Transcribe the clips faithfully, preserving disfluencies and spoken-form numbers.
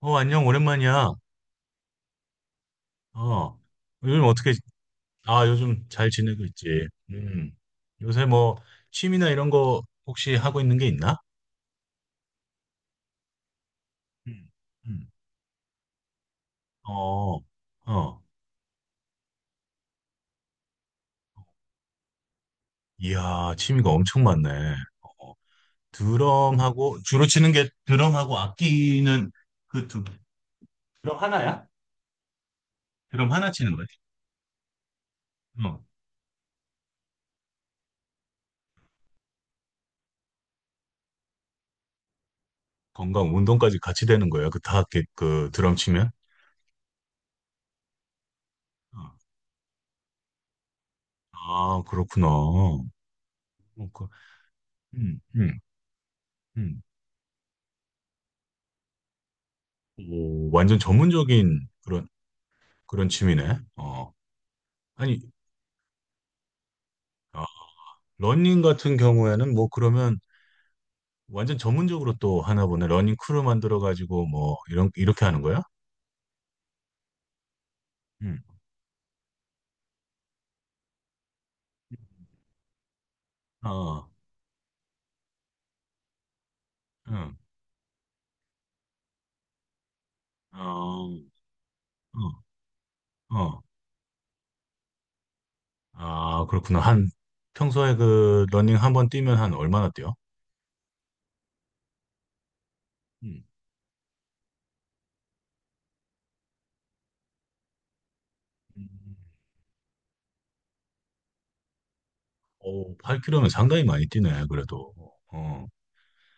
어, 안녕, 오랜만이야. 어, 요즘 어떻게, 아, 요즘 잘 지내고 있지. 음, 요새 뭐, 취미나 이런 거 혹시 하고 있는 게 있나? 음, 음. 어, 어, 이야, 취미가 엄청 많네. 어, 드럼하고, 주로 치는 게 드럼하고 악기는 그 두, 드럼 하나야? 드럼 하나 치는 거지? 어, 건강, 운동까지 같이 되는 거야. 그 다, 그, 그 드럼 치면? 어. 아, 그렇구나. 어, 그, 음, 음, 음. 오, 완전 전문적인 그런 그런 취미네. 어, 아니, 어, 러닝 같은 경우에는 뭐 그러면 완전 전문적으로 또 하나 보네. 러닝 크루 만들어 가지고 뭐 이런 이렇게 하는 거야? 응. 어, 응. 어, 어, 어. 아, 그렇구나. 한 평소에 그 러닝 한번 뛰면 한 얼마나 뛰어? 음. 음. 오, 팔 킬로미터면 상당히 많이 뛰네. 그래도. 어.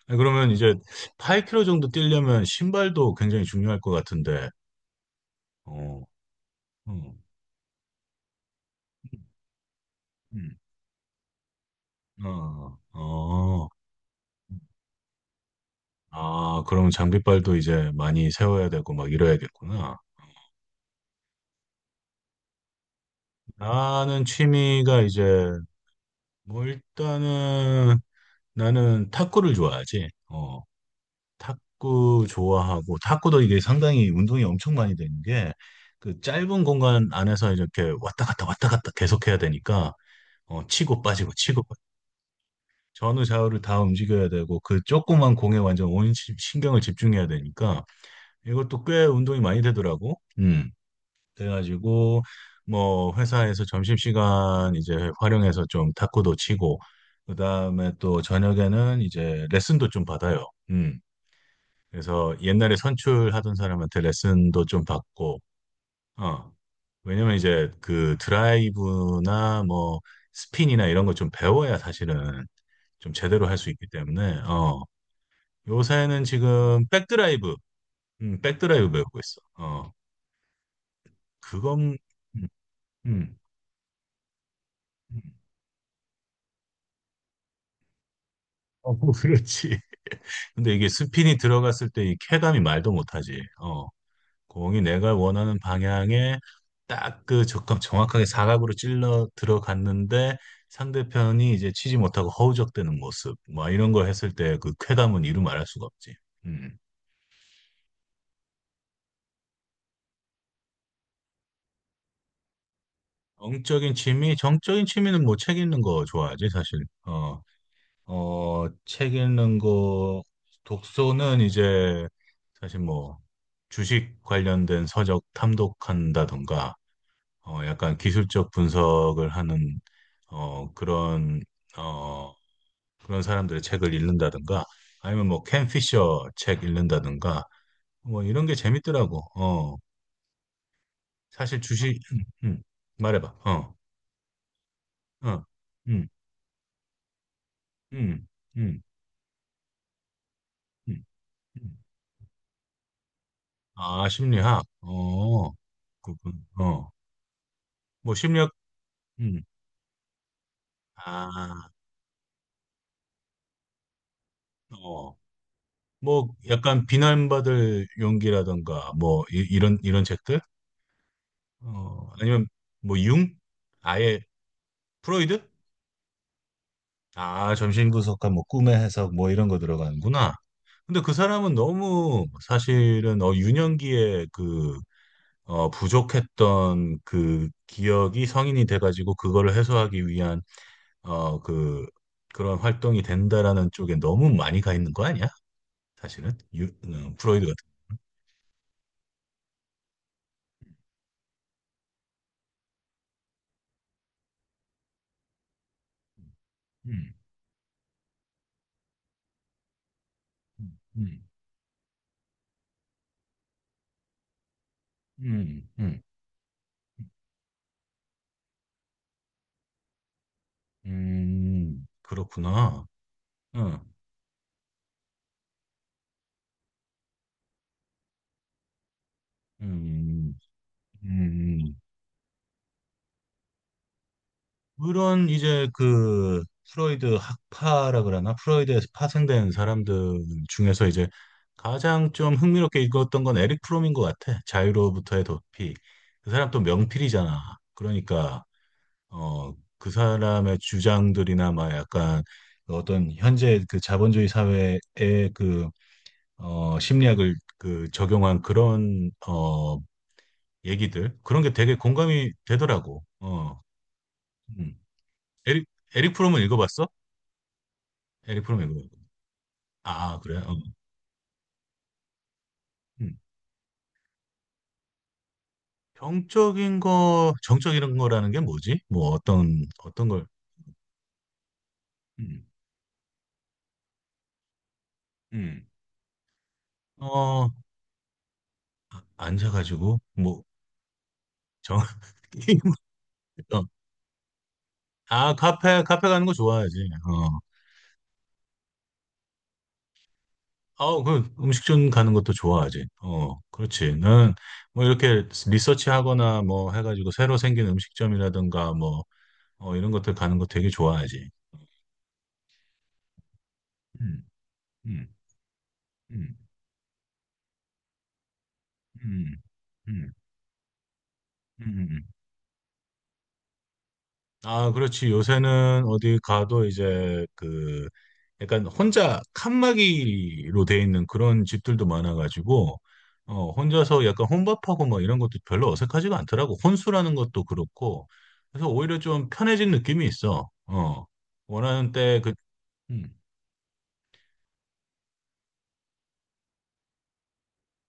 아니, 그러면 이제 팔 킬로미터 정도 뛰려면 신발도 굉장히 중요할 것 같은데. 어, 음, 음. 어, 어. 아, 그럼 장비빨도 이제 많이 세워야 되고 막 이래야겠구나. 나는 취미가 이제 뭐 일단은 나는 탁구를 좋아하지. 어, 탁구 좋아하고 탁구도 이게 상당히 운동이 엄청 많이 되는 게 그 짧은 공간 안에서 이렇게 왔다 갔다 왔다 갔다 계속 해야 되니까 어, 치고 빠지고 치고 빠지고 전후 좌우를 다 움직여야 되고 그 조그만 공에 완전 온 시- 신경을 집중해야 되니까 이것도 꽤 운동이 많이 되더라고. 음. 그래가지고 뭐 회사에서 점심시간 이제 활용해서 좀 탁구도 치고 그다음에 또 저녁에는 이제 레슨도 좀 받아요. 음. 그래서 옛날에 선출하던 사람한테 레슨도 좀 받고 어. 왜냐면 이제 그 드라이브나 뭐 스핀이나 이런 거 좀 배워야 사실은 좀 제대로 할 수 있기 때문에 어. 요새는 지금 백드라이브, 음, 백드라이브 배우고 있어. 어. 그건 음. 음. 음. 어, 그렇지. 근데 이게 스핀이 들어갔을 때 이 쾌감이 말도 못하지. 어, 공이 내가 원하는 방향에 딱 그 적합 정확하게 사각으로 찔러 들어갔는데 상대편이 이제 치지 못하고 허우적대는 모습. 뭐 이런 거 했을 때 그 쾌감은 이루 말할 수가 없지. 음. 정적인 취미, 정적인 취미는 뭐 책 읽는 거 좋아하지, 사실. 어, 어, 책 읽는 거, 독서는 이제 사실 뭐 주식 관련된 서적 탐독한다던가, 어, 약간 기술적 분석을 하는, 어, 그런, 어, 그런 사람들의 책을 읽는다던가, 아니면 뭐 캔 피셔 책 읽는다던가, 뭐 이런 게 재밌더라고. 어, 사실 주식, 음, 음, 말해봐. 어, 어, 음, 음, 음, 음, 음. 아, 심리학. 어, 그렇군. 어. 뭐 심력 음, 아, 어, 뭐 약간 비난받을 용기라던가 뭐 이, 런 이런 책들, 어, 아니면 뭐 융, 아예 프로이드, 아 정신분석학 뭐 꿈의 해석 뭐 이런 거 들어가는구나. 근데 그 사람은 너무 사실은 어 유년기에 그 어, 부족했던 그 기억이 성인이 돼가지고 그거를 해소하기 위한 어, 그 그런 활동이 된다라는 쪽에 너무 많이 가 있는 거 아니야? 사실은 유, 어, 프로이드 같은. 음, 음, 음, 음, 음, 그렇구나. 응, 음, 음. 그런 이제 그 프로이드 학파라 그러나 프로이드에서 파생된 사람들 중에서 이제 가장 좀 흥미롭게 읽었던 건 에릭 프롬인 것 같아. 자유로부터의 도피. 그 사람 또 명필이잖아. 그러니까 어, 그 사람의 주장들이나 막 약간 어떤 현재 그 자본주의 사회의 그 어, 심리학을 그 적용한 그런 어, 얘기들 그런 게 되게 공감이 되더라고. 어, 음. 에릭 에릭 프롬은 읽어봤어? 에릭 프롬 읽어봤어? 아 아, 그래? 어. 음. 정적인 거 정적인 거라는 게 뭐지? 뭐 어떤 어떤 걸? 음. 음. 어 아, 앉아가지고 뭐 정. 게임을- 어. 아 카페 카페 가는 거 좋아하지. 어. 아, 그 음식점 가는 것도 좋아하지. 어, 그렇지. 나는 뭐 이렇게 리서치하거나 뭐 해가지고 새로 생긴 음식점이라든가 뭐 어, 이런 것들 가는 거 되게 좋아하지. 음, 음, 음, 음, 음, 음, 음, 음. 아, 그렇지. 요새는 어디 가도 이제 그 약간 혼자 칸막이로 돼 있는 그런 집들도 많아가지고 어, 혼자서 약간 혼밥하고 뭐 이런 것도 별로 어색하지가 않더라고. 혼수라는 것도 그렇고. 그래서 오히려 좀 편해진 느낌이 있어. 어. 원하는 때 그, 음,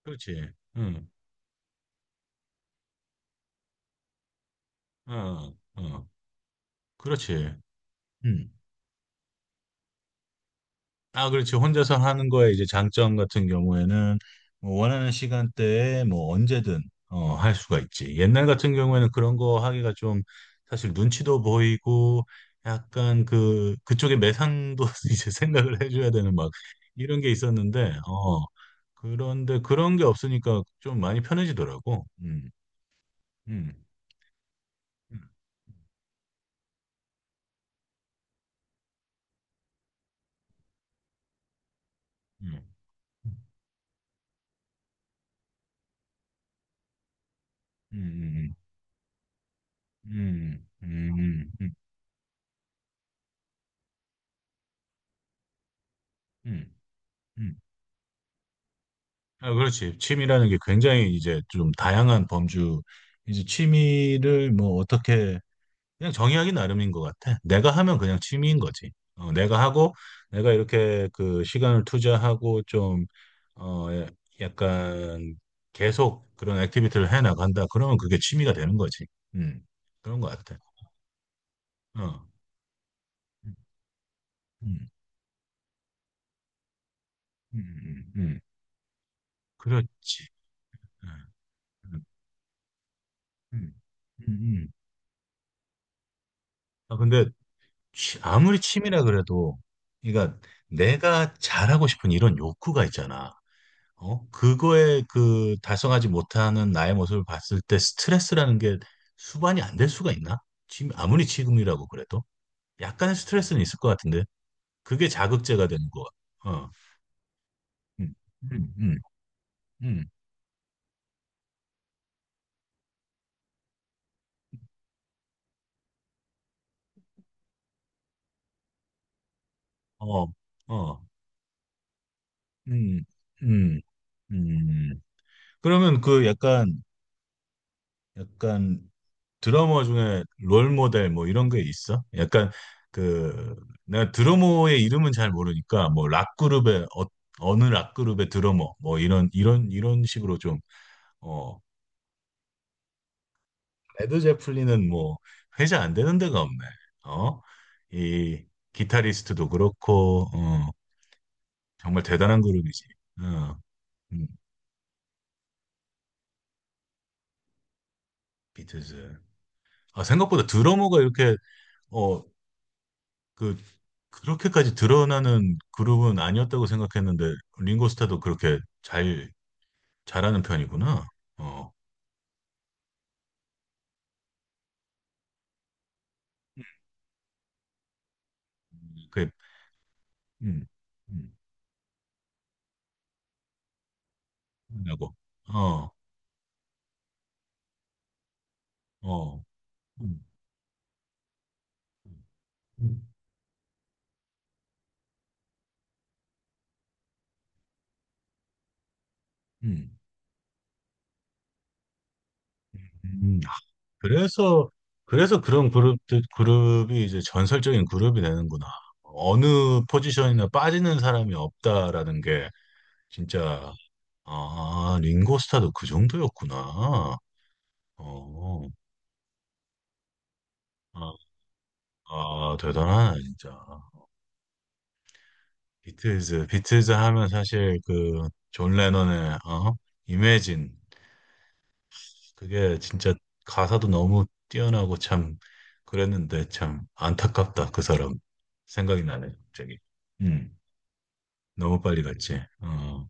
그렇지. 응, 어, 어, 그렇지. 음. 아, 그렇죠. 혼자서 하는 거에 이제 장점 같은 경우에는 뭐 원하는 시간대에 뭐 언제든 어, 할 수가 있지. 옛날 같은 경우에는 그런 거 하기가 좀 사실 눈치도 보이고 약간 그 그쪽에 매상도 이제 생각을 해줘야 되는 막 이런 게 있었는데 어 그런데 그런 게 없으니까 좀 많이 편해지더라고. 음, 음, 음, 음, 음, 음, 음, 음, 음, 음, 음, 음, 음, 아, 그렇지. 취미라는 게 굉장히 이제 좀 다양한 범주, 이제 취미를 뭐 어떻게, 그냥 정의하기 나름인 것 같아. 내가 하면 그냥 취미인 거지. 어, 내가 하고, 내가 이렇게 그 시간을 투자하고 좀, 어, 예, 약간 계속 그런 액티비티를 해 나간다. 그러면 그게 취미가 되는 거지. 음, 그런 것 같아. 어, 음, 음, 음, 음, 음. 그렇지. 어, 음, 음, 음, 음. 아, 근데 치- 아무리 취미라 그래도, 그러니까 내가 잘하고 싶은 이런 욕구가 있잖아. 어? 그거에 그 달성하지 못하는 나의 모습을 봤을 때 스트레스라는 게 수반이 안 될 수가 있나? 지금 아무리 지금이라고 그래도 약간의 스트레스는 있을 것 같은데 그게 자극제가 되는 거 같아. 어, 음, 음, 음, 음, 어, 어, 음, 음, 음. 그러면 그 약간 약간 드러머 중에 롤 모델 뭐 이런 게 있어? 약간 그 내가 드러머의 이름은 잘 모르니까 뭐 락 그룹의 어, 어느 락 그룹의 드러머 뭐 이런 이런 이런 식으로 좀 어, 레드 제플린은 뭐 회자 안 되는 데가 없네. 어? 이 기타리스트도 그렇고 어, 정말 대단한 그룹이지. 어, 음, 비틀즈. 아, 생각보다 드러머가 이렇게 어, 그 그렇게까지 드러나는 그룹은 아니었다고 생각했는데 링고스타도 그렇게 잘 잘하는 편이구나. 어, 그, 음, 음, 나고, 어, 어, 음, 음, 음. 음. 아, 그래서 그래서 그런 그룹 그룹이 이제 전설적인 그룹이 되는구나. 어느 포지션이나 빠지는 사람이 없다라는 게 진짜 아 링고스타도 그 정도였구나. 어, 아, 아 대단하네 진짜. 비틀즈, 비틀즈 하면 사실 그 존 레논의 어? 이매진 그게 진짜 가사도 너무 뛰어나고 참 그랬는데 참 안타깝다 그 사람 생각이 나네 갑자기. 음, 너무 빨리 갔지. 어,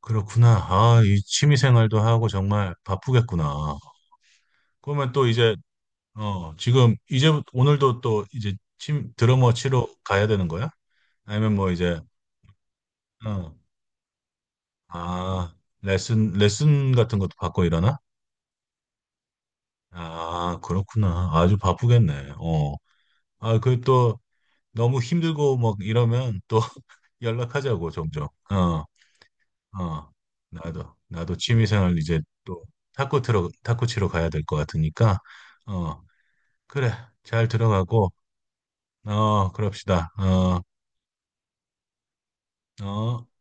그렇구나. 아, 이 취미 생활도 하고 정말 바쁘겠구나. 그러면 또 이제 어 지금 이제 오늘도 또 이제 침 드러머 치러 가야 되는 거야? 아니면 뭐 이제 어, 아, 레슨, 레슨 같은 것도 받고 일하나 아, 그렇구나. 아주 바쁘겠네. 어. 아, 그 또 너무 힘들고 막 이러면 또 연락하자고, 종종. 어, 어. 나도, 나도 취미생활 이제 또 탁구 틀어, 탁구 치러 가야 될 것 같으니까. 어, 그래. 잘 들어가고, 어, 그럽시다. 어, 어.